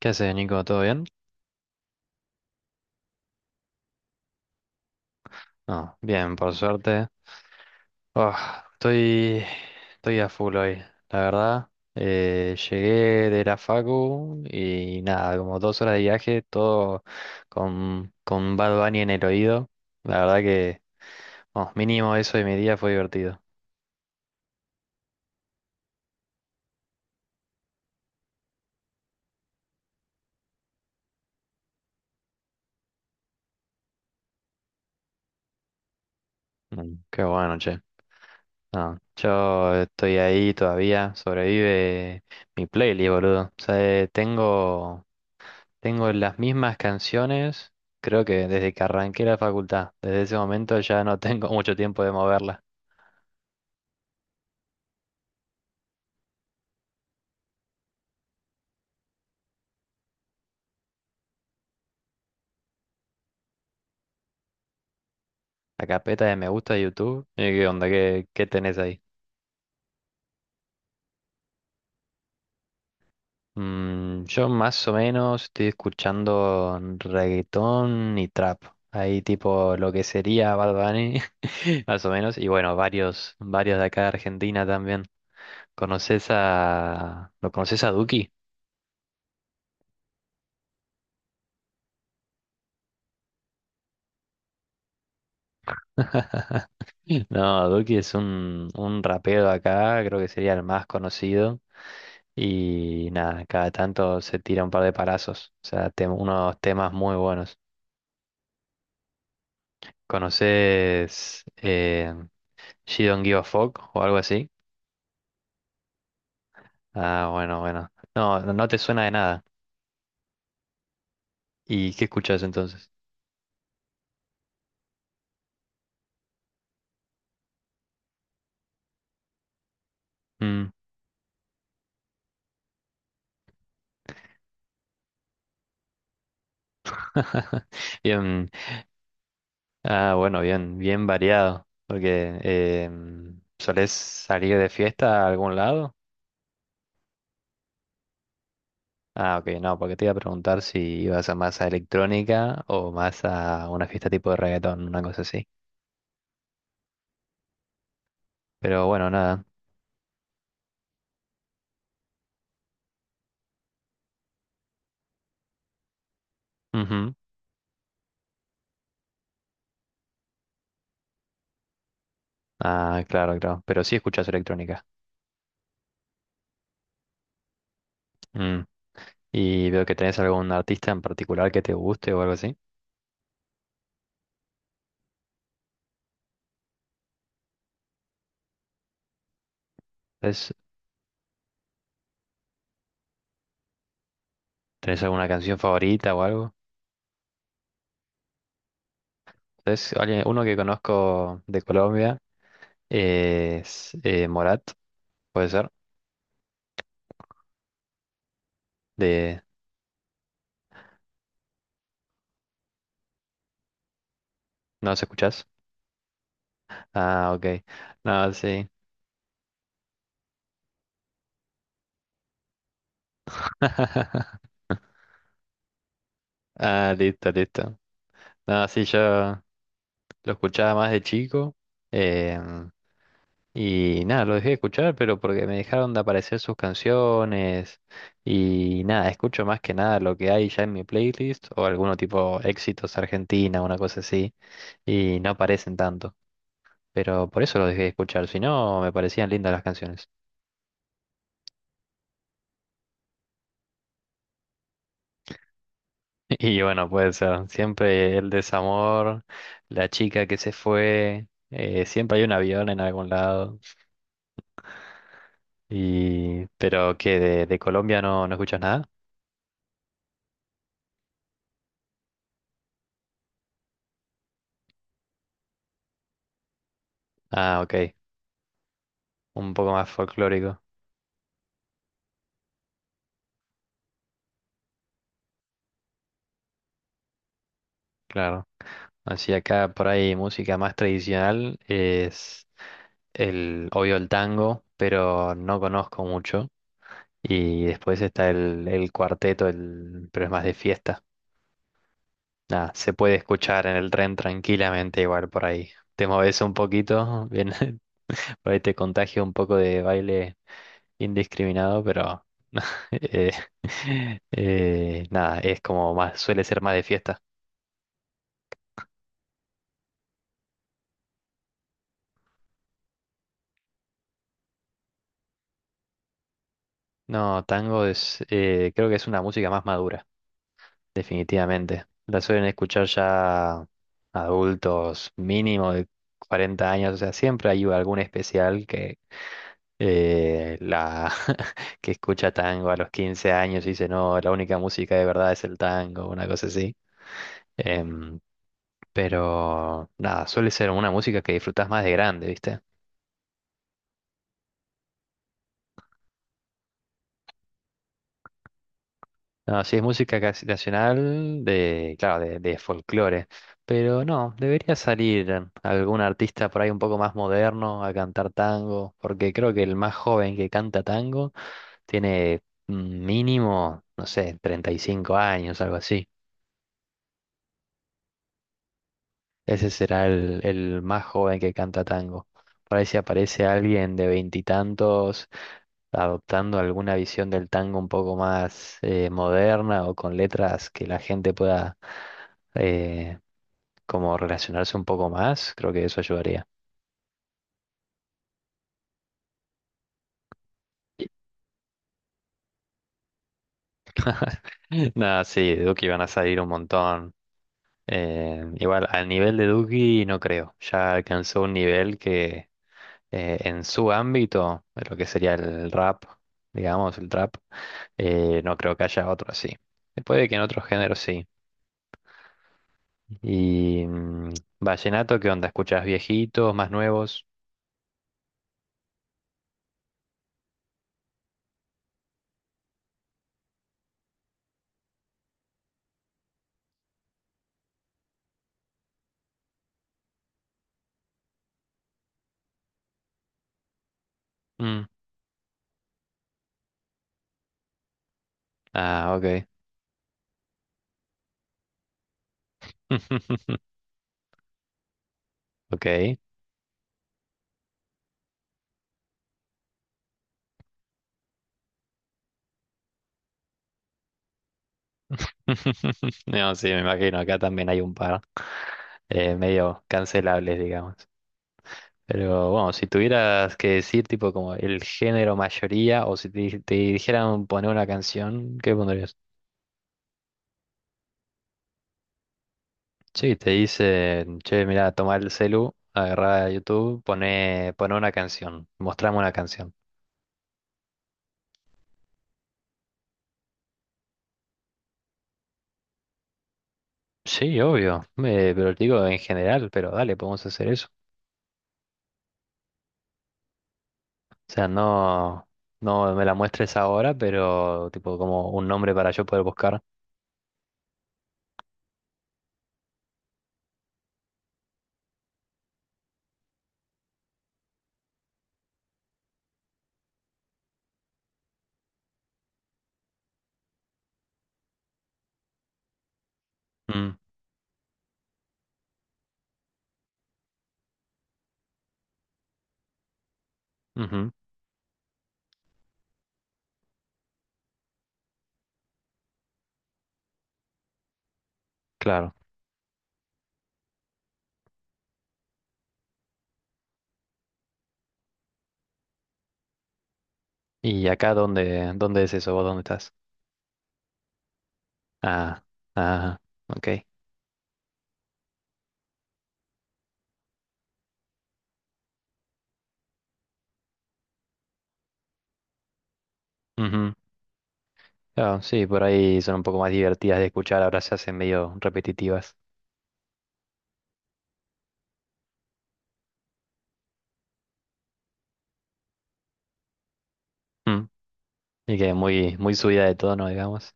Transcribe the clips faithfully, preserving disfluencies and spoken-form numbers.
¿Qué haces, Nico? ¿Todo bien? No, bien, por suerte. Ah, estoy, estoy a full hoy, la verdad. Eh, llegué de la facu y nada, como dos horas de viaje, todo con, con Bad Bunny en el oído. La verdad que, vamos, mínimo eso de mi día fue divertido. Mm, qué bueno, che. No, yo estoy ahí todavía, sobrevive mi playlist, boludo. O sea, eh, tengo Tengo las mismas canciones, creo que desde que arranqué la facultad. Desde ese momento ya no tengo mucho tiempo de moverla. La carpeta de me gusta de YouTube. eh, ¿Qué onda? ¿Qué, qué tenés ahí? Mm, yo más o menos estoy escuchando reggaetón y trap. Ahí tipo lo que sería Bad Bunny, más o menos. Y bueno, varios, varios de acá de Argentina también. ¿Conoces a... ¿Lo conoces a Duki? No, Duki es un, un rapero acá, creo que sería el más conocido. Y nada, cada tanto se tira un par de palazos. O sea, tem- unos temas muy buenos. ¿Conoces eh, She Don't Give a Fuck o algo así? Ah, bueno, bueno. No, no no te suena de nada. ¿Y qué escuchas entonces? Mm. Bien, ah, bueno, bien, bien variado. Porque eh, ¿solés salir de fiesta a algún lado? Ah, ok, no, porque te iba a preguntar si ibas a más a electrónica o más a una fiesta tipo de reggaetón, una cosa así. Pero bueno, nada. Ujú. Ah, claro, claro. Pero sí escuchas electrónica. Mm. Y veo que tenés algún artista en particular que te guste o algo así. ¿Tenés, tenés alguna canción favorita o algo? ¿Tenés alguien, uno que conozco de Colombia es eh, Morat, puede ser. De... ¿No los escuchás? Ah, ok. No, sí. Ah, listo, listo. No, sí, yo lo escuchaba más de chico. em, Y nada, lo dejé de escuchar, pero porque me dejaron de aparecer sus canciones. Y nada, escucho más que nada lo que hay ya en mi playlist o alguno tipo éxitos Argentina, una cosa así. Y no aparecen tanto. Pero por eso lo dejé de escuchar, si no, me parecían lindas las canciones. Y bueno, puede ser. Siempre el desamor, la chica que se fue, eh, siempre hay un avión en algún lado. Y... Pero que de, de Colombia no, no escuchas nada. Ah, ok. Un poco más folclórico. Claro. Así acá por ahí música más tradicional es el, obvio el tango, pero no conozco mucho. Y después está el, el cuarteto, el, pero es más de fiesta. Nada, se puede escuchar en el tren tranquilamente igual por ahí. Te moves un poquito, bien, por ahí te contagia un poco de baile indiscriminado, pero eh, eh, nada, es como más, suele ser más de fiesta. No, tango es, eh, creo que es una música más madura, definitivamente. La suelen escuchar ya adultos mínimo de cuarenta años, o sea, siempre hay algún especial que eh, la que escucha tango a los quince años y dice, no, la única música de verdad es el tango, una cosa así. Em, pero nada, suele ser una música que disfrutás más de grande, ¿viste? No, sí, es música casi nacional de, claro, de, de folclore. Pero no, debería salir algún artista por ahí un poco más moderno a cantar tango, porque creo que el más joven que canta tango tiene mm, mínimo, no sé, treinta y cinco años, algo así. Ese será el, el más joven que canta tango. Por ahí si aparece alguien de veintitantos adoptando alguna visión del tango un poco más eh, moderna o con letras que la gente pueda eh, como relacionarse un poco más, creo que eso ayudaría. Nada, sí, de Duki van a salir un montón. Eh, igual, al nivel de Duki no creo. Ya alcanzó un nivel que eh, en su ámbito, lo que sería el rap, digamos, el trap, eh, no creo que haya otro así. Puede que en otros géneros sí. Y mm, vallenato, ¿qué onda? ¿Escuchas viejitos, más nuevos? Mm, ah, ok. Ok. No, sí, me imagino, acá también hay un par eh, medio cancelables, digamos. Pero bueno, si tuvieras que decir tipo como el género mayoría o si te, di- te dijeran poner una canción, ¿qué pondrías? Sí, te dicen, che, mirá, tomá el celu, agarrá YouTube, pone, pone una canción, mostrame una canción. Sí, obvio, me- pero te digo en general, pero dale, podemos hacer eso. O sea, no, no me la muestres ahora, pero tipo como un nombre para yo poder buscar. Mm, ujú, claro. ¿Y acá dónde, dónde es eso? ¿Vos dónde estás? Ah, ah, ok. Ujú. Claro, sí, por ahí son un poco más divertidas de escuchar, ahora se hacen medio repetitivas. Mm. Y que muy, muy subida de tono, digamos.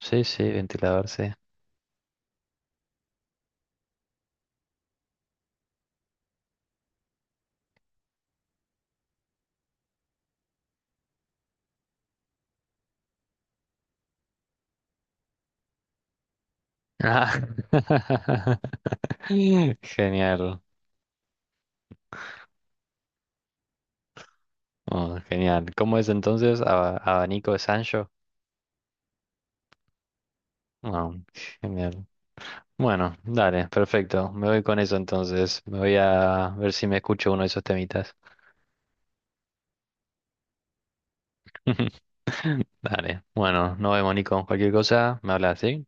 Sí, sí, ventilador, sí. Ah. Genial. Oh, genial. ¿Cómo es entonces? Aba- abanico de Sancho. Oh, genial. Bueno, dale, perfecto. Me voy con eso entonces. Me voy a ver si me escucho uno de esos temitas. Dale. Bueno, nos vemos, Nico. Cualquier cosa, me hablas, ¿sí?